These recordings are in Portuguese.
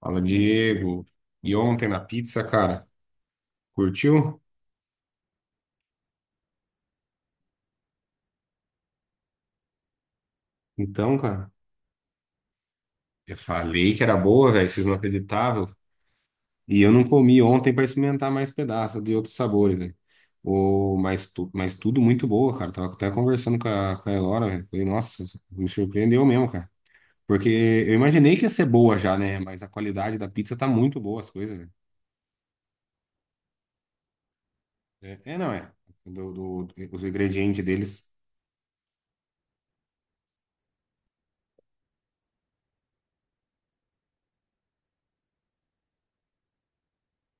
Fala, Diego. E ontem na pizza, cara, curtiu? Então, cara, eu falei que era boa, velho, vocês não acreditavam. E eu não comi ontem pra experimentar mais pedaços de outros sabores, velho. Mas tudo muito boa, cara. Tava até conversando com a Elora, velho. Falei, nossa, me surpreendeu mesmo, cara. Porque eu imaginei que ia ser boa já, né? Mas a qualidade da pizza tá muito boa, as coisas, velho. É, não é. Os ingredientes deles.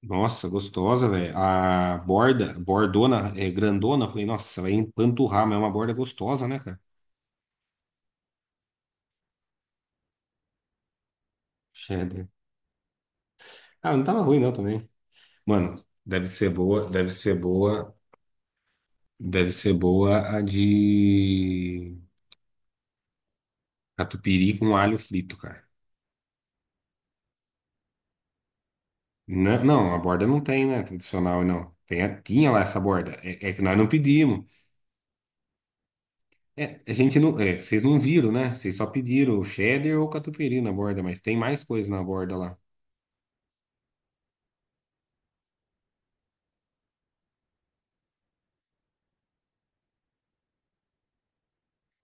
Nossa, gostosa, velho. A borda, bordona, é grandona. Eu falei, nossa, vai empanturrar, mas é uma borda gostosa, né, cara? Cheddar. Ah, não tava ruim não também. Mano, deve ser boa, deve ser boa, deve ser boa a de catupiry com alho frito, cara. Não, não, a borda não tem, né? Tradicional, não. Tem, tinha lá essa borda. É, é que nós não pedimos. É, vocês não viram, né? Vocês só pediram o cheddar ou o catupiry na borda, mas tem mais coisa na borda lá.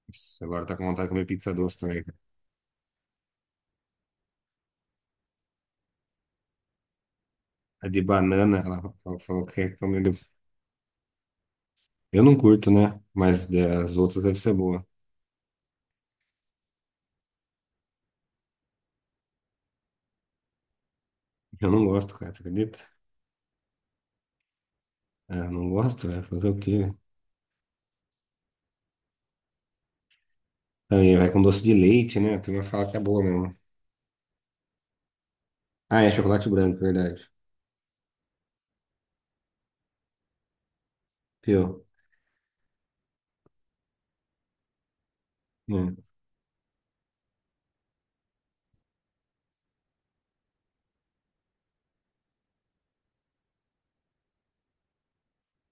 Nossa, agora tá com vontade de comer pizza doce também. A de banana, ela falou que quer comer. Eu não curto, né? Mas das outras deve ser boa. Eu não gosto, cara, você acredita? Ah, eu não gosto, vai fazer o quê? Também vai com doce de leite, né? A turma fala que é boa mesmo. Ah, é chocolate branco, verdade. Pior. Hum.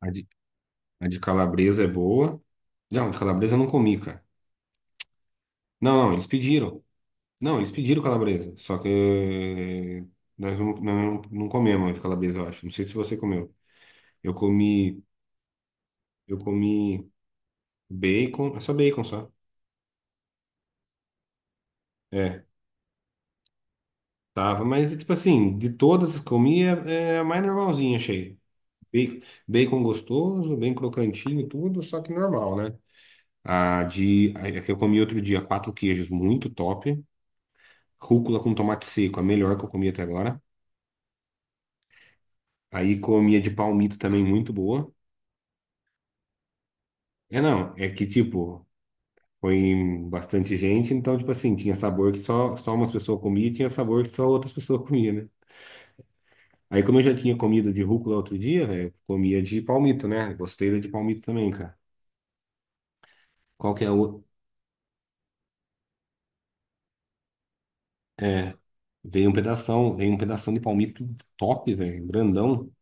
A de, a de calabresa é boa. Não, de calabresa eu não comi, cara. Não, não, eles pediram. Não, eles pediram calabresa. Só que nós não, não comemos a de calabresa, eu acho. Não sei se você comeu. Eu comi. Eu comi bacon, é só bacon só. É, tava, mas tipo assim, de todas que comi, é a mais normalzinha, achei. Bacon, bacon gostoso, bem crocantinho, e tudo, só que normal, né? A que eu comi outro dia, quatro queijos, muito top. Rúcula com tomate seco, a melhor que eu comi até agora. Aí comia de palmito também, muito boa. É, não, é que tipo, foi bastante gente, então tipo assim, tinha sabor que só umas pessoas comiam e tinha sabor que só outras pessoas comiam, né? Aí, como eu já tinha comido de rúcula outro dia, velho, comia de palmito, né? Gostei da de palmito também, cara. Qual que é o. É, veio um pedação de palmito top, velho, grandão.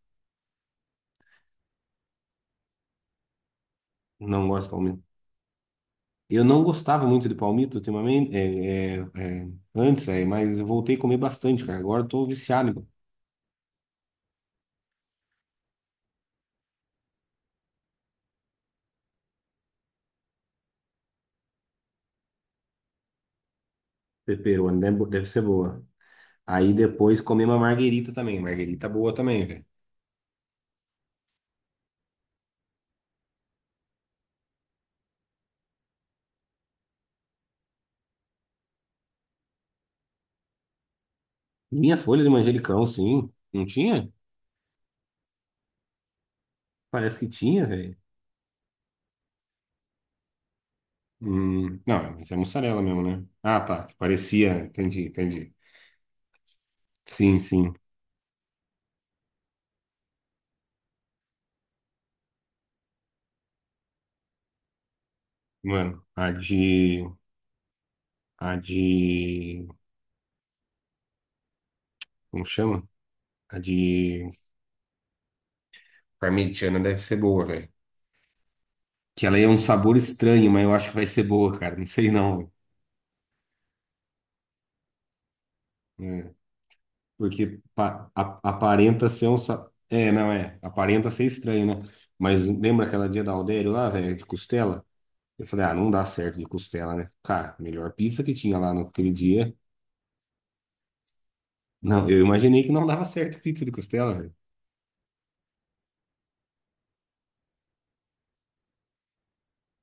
Não gosto de palmito. Eu não gostava muito de palmito ultimamente, é, antes, mas eu voltei a comer bastante, cara. Agora eu tô viciado em pepperoni, deve ser boa. Aí depois comi uma marguerita também, marguerita boa também, velho. Minha folha de manjericão, sim. Não tinha? Parece que tinha, velho. Não, mas é mussarela mesmo, né? Ah, tá. Que parecia. Entendi, entendi. Sim, sim. Mano, a de. A de. Como chama? A de parmegiana deve ser boa, velho. Que ela é um sabor estranho, mas eu acho que vai ser boa, cara. Não sei não, velho. É, porque aparenta ser um. É, não é. Aparenta ser estranho, né? Mas lembra aquela dia da Aldério lá, velho, de costela? Eu falei, ah, não dá certo de costela, né? Cara, melhor pizza que tinha lá naquele dia. Não, eu imaginei que não dava certo pizza de costela, velho.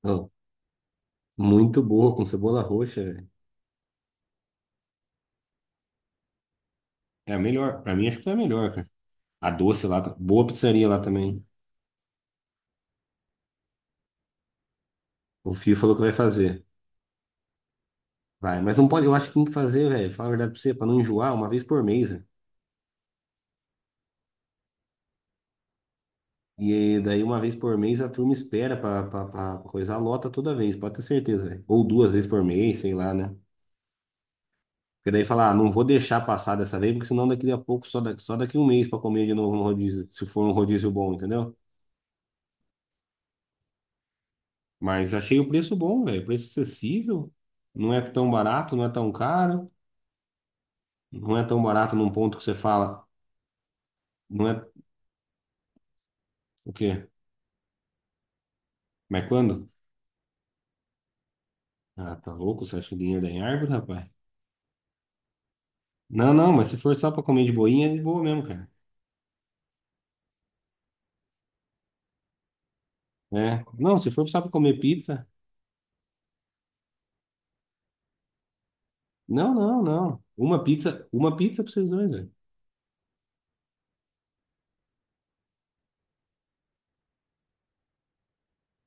Não, muito boa, com cebola roxa, velho. É a melhor. Pra mim, acho que foi a melhor, cara. A doce lá, tá- boa pizzaria lá também. O Fio falou que vai fazer. Vai, mas não pode, eu acho que tem que fazer, velho. Fala a verdade pra você, pra não enjoar, uma vez por mês, velho. E daí, uma vez por mês, a turma espera pra coisar, lota toda vez, pode ter certeza, velho. Ou duas vezes por mês, sei lá, né? Porque daí fala, ah, não vou deixar passar dessa vez, porque senão daqui a pouco, só daqui um mês pra comer de novo no rodízio, se for um rodízio bom, entendeu? Mas achei o preço bom, velho. Preço acessível. Não é tão barato, não é tão caro. Não é tão barato num ponto que você fala. Não é o quê? Mas quando? Ah, tá louco? Você acha que dinheiro dá em árvore, rapaz? Não, não, mas se for só pra comer de boinha, é de boa mesmo, cara. É. Não, se for só pra comer pizza. Não, não, não. Uma pizza pra vocês dois, velho.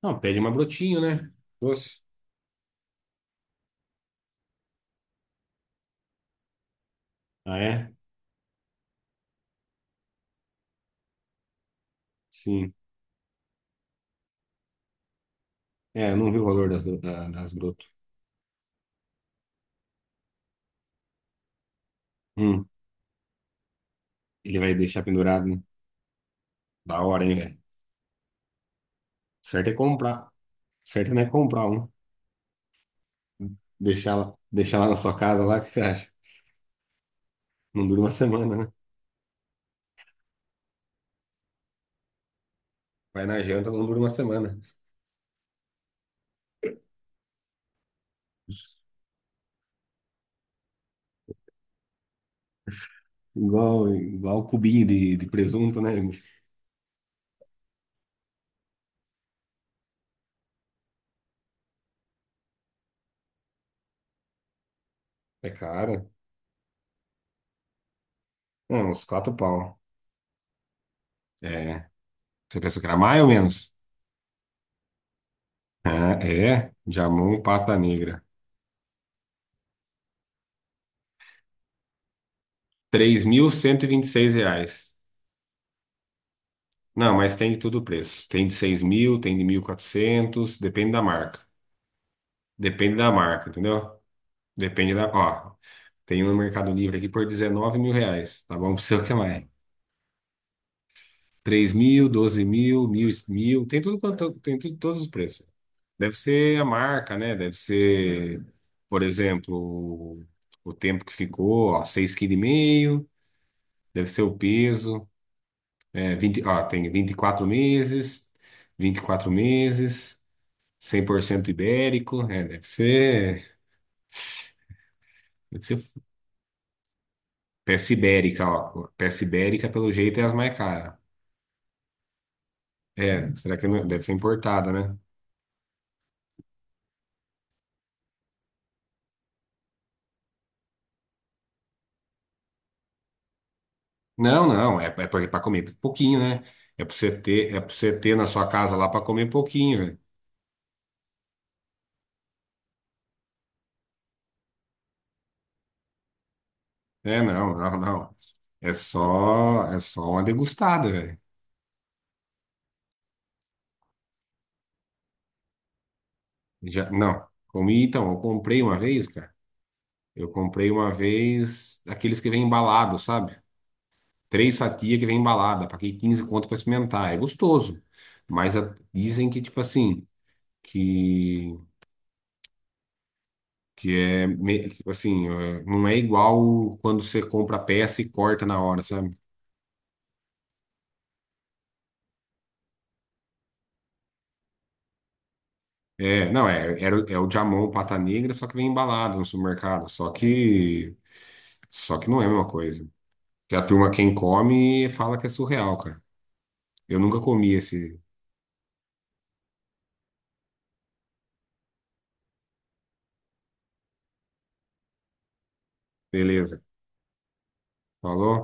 Não, pede uma brotinho, né? Doce. Ah, é? Sim. É, eu não vi o valor das, das broto. Hum, ele vai deixar pendurado, né? Da hora, hein, velho? Certo é comprar. O certo não é comprar um. Deixar lá na sua casa lá, o que você acha? Não dura uma semana, né? Vai na janta, não dura uma semana. Igual, igual o cubinho de presunto, né? É caro. Não, uns quatro pau. É. Você pensou que era mais ou menos? Ah, é. Jamon Pata Negra. Três mil cento e vinte e seis reais. Não, mas tem de todo o preço. Tem de 6.000, tem de 1.400 depende da marca. Depende da marca, entendeu? Depende da. Ó, tem um no Mercado Livre aqui por 19 mil reais. Tá bom? Pra você o que mais? 3.000, 12.000, 1.000, 1.000. Tem tudo quanto, tem tudo, todos os preços. Deve ser a marca, né? Deve ser, por exemplo, o o tempo que ficou, ó, 6,5 kg. Deve ser o peso. É, 20, ó, tem 24 meses, 24 meses, 100% ibérico. É, deve ser peça ibérica, ó. Peça ibérica, pelo jeito, é as mais caras. É, será que não- deve ser importada, né? Não, não, é, é para comer pouquinho, né? É para você ter, é para você ter na sua casa lá para comer pouquinho, velho. É, não, não, não. É só uma degustada, velho. Já, não, comi então, eu comprei uma vez, cara. Eu comprei uma vez aqueles que vem embalado, sabe? Três fatias que vem embalada, paguei 15 conto para experimentar. É gostoso, mas a- dizem que tipo assim, que que é, me- tipo assim, é, não é igual quando você compra a peça e corta na hora, sabe? É, não, é, era o- é o jamon pata negra, só que vem embalado no supermercado. Só que não é a mesma coisa. Que a turma, quem come, fala que é surreal, cara. Eu nunca comi esse. Beleza. Falou?